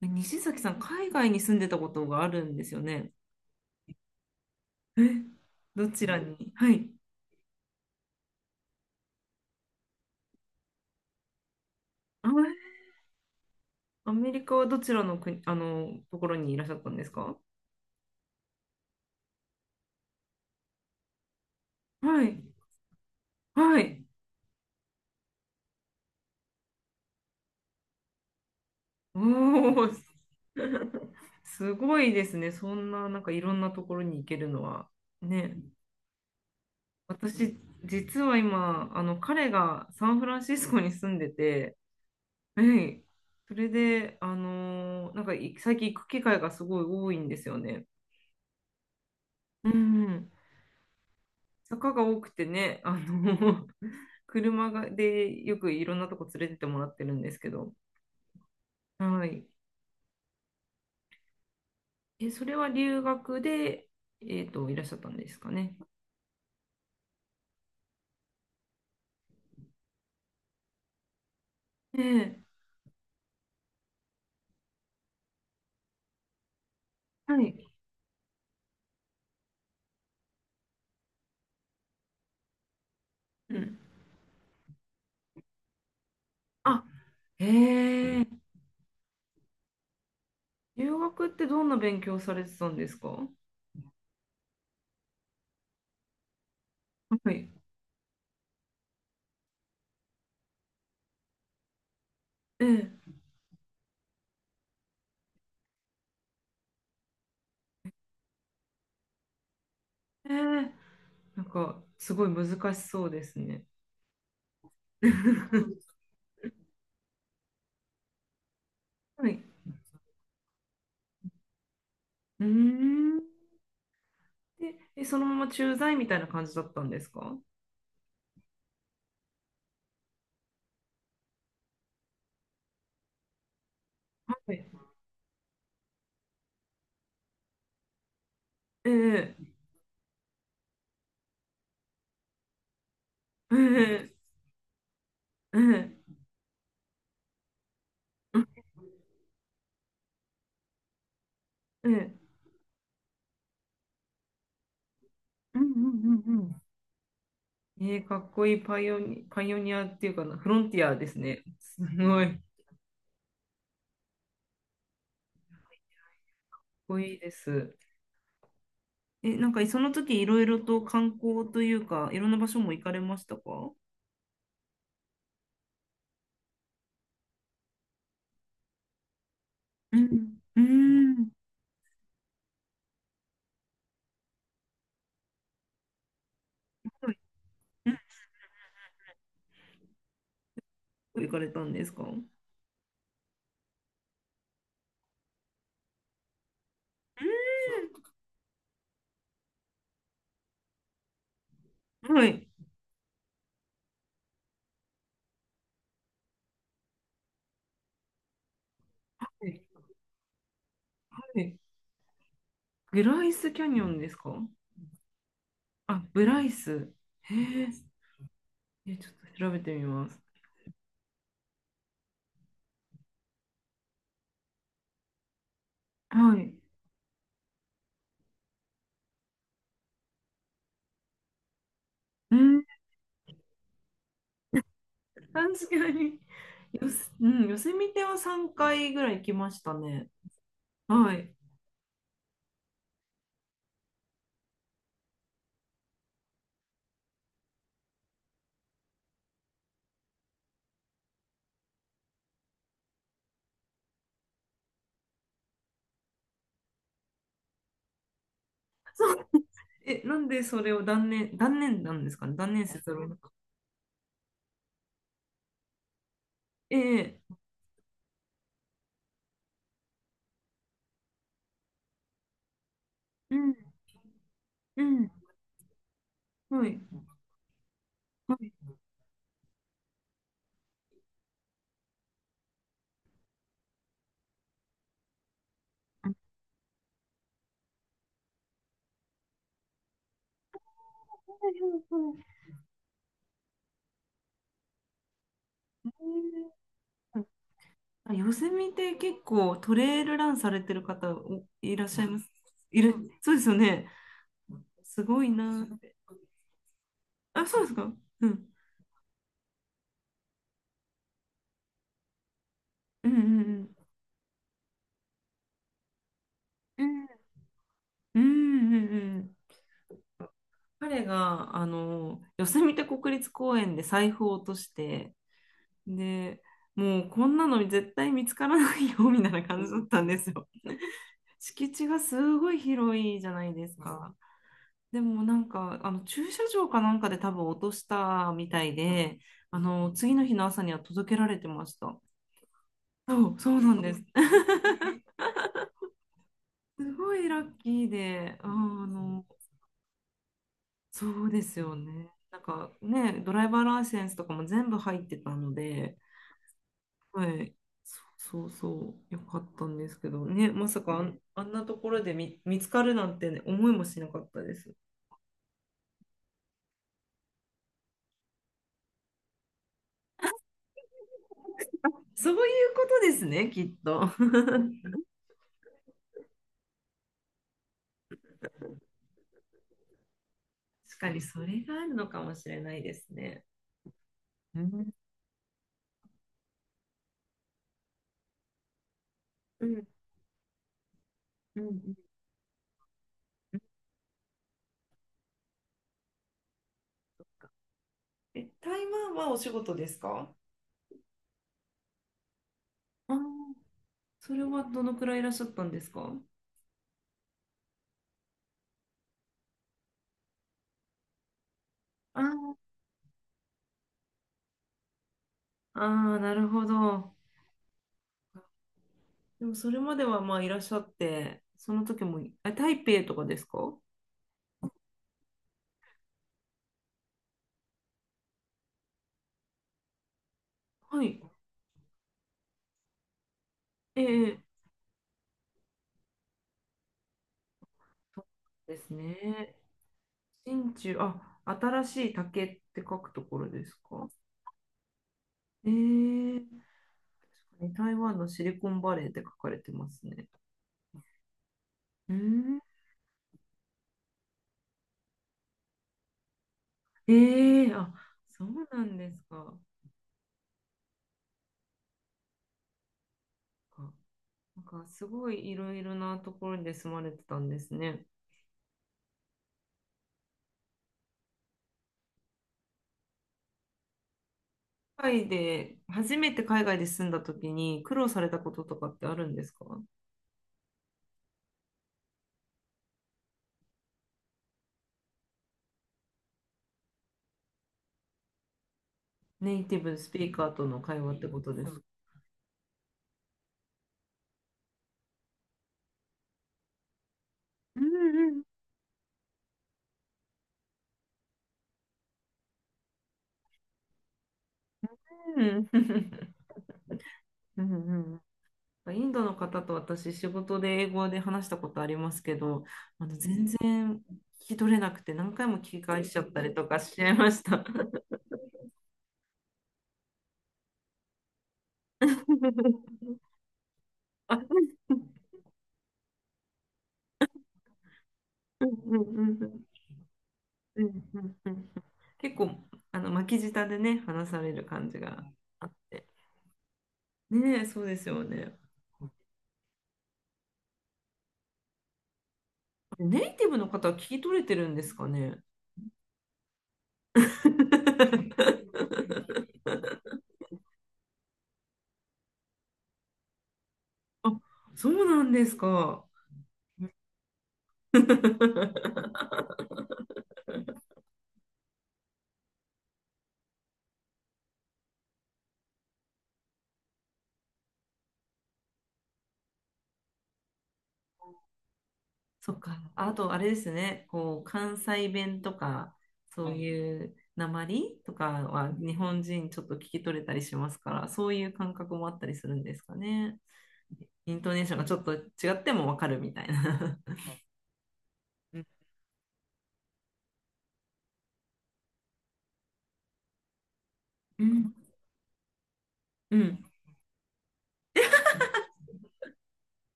西崎さん、海外に住んでたことがあるんですよね。え、どちらにはい。あ、アメリカはどちらの国、ところにいらっしゃったんですか？はい。はい。おー、す すごいですね。そんな、いろんなところに行けるのは。ね。私、実は今、彼がサンフランシスコに住んでて、はい。それで、あのーなんかい最近行く機会がすごい多いんですよね。うんうん。坂が多くてね、車がでよくいろんなとこ連れてってもらってるんですけど、はい。え、それは留学で、いらっしゃったんですかね。ええ、はい。うん。あ、へえ、留学ってどんな勉強されてたんですか？はい。ええ、ええ、なんか、すごい難しそうですね。はい。うーん。で、え、そのまま駐在みたいな感じだったんですか？はい。ええ、ええ。うん、うん、うん。うんうんうんうん。えー、かっこいいパイオニアっていうかな、フロンティアですね。すごい、かっこいいです。え、その時いろいろと観光というか、いろんな場所も行かれましたか？うん。うん。うん行かれたんですか？うんはい。はい。グライスキャニオンですか？あ、ブライス。へえ。え、ちょっと調べてみます。はい。うん確かに。よせ、うん、ヨセミテは3回ぐらい行きましたね。はい。え、なんでそれを断念なんですかね。断念せざるを得なかった。ええうん、うん。はい。はい。うんあ、ヨセミテ結構トレイルランされてる方おいらっしゃいます。いる、そうですよね。すごいなって。あ、そうですか。うん。うんうんうん。うんうんうんうん。彼があのヨセミテ国立公園で財布を落としてでもうこんなの絶対見つからないよみたいな感じだったんですよ。敷地がすごい広いじゃないですか。でもあの駐車場かなんかで多分落としたみたいであの次の日の朝には届けられてました。そう、そうなんです。すごいラッキーで、そうですよね。なんかね、ドライバーライセンスとかも全部入ってたので、はい。そうそうそう、よかったんですけどね、まさかあん、あんなところで見つかるなんて、ね、思いもしなかったです。そういうことですね、きっと。確かにそれがあるのかもしれないですね。うん、うんうんうんえ、台湾はお仕事ですか？あー、それはどのくらいいらっしゃったんですか？あーあー、なるほど。でもそれまではまあいらっしゃって、その時も、あ、台北とかですか？はい。ええそうですね。真鍮、あ、新しい竹って書くところですか？えー、確かに台湾のシリコンバレーって書かれてますね。うーん、えー、あ、そうなんですか。かなんかすごいいろいろなところで住まれてたんですね。海外で、初めて海外で住んだ時に苦労されたこととかってあるんですか？ネイティブスピーカーとの会話ってことですか？うんうんうん。うんうんうんインドの方と私、仕事で英語で話したことありますけど、あの全然聞き取れなくて、何回も聞き返しちゃったりとかしちゃいました。あ結構あの巻き舌でね、話される感じがあって。ねえ、そうですよね。ネイティブの方は聞き取れてるんですかね。あ、そうなんですか。そっか。あと、あれですね。こう、関西弁とか、そうはいいう訛りとかは日本人ちょっと聞き取れたりしますから、そういう感覚もあったりするんですかね。イントネーションがちょっと違ってもわかるみたいな。あうんうん。うん。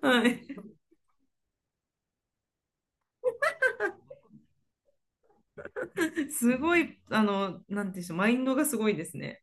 はい。すごい、なんていうんでしょう、マインドがすごいですね。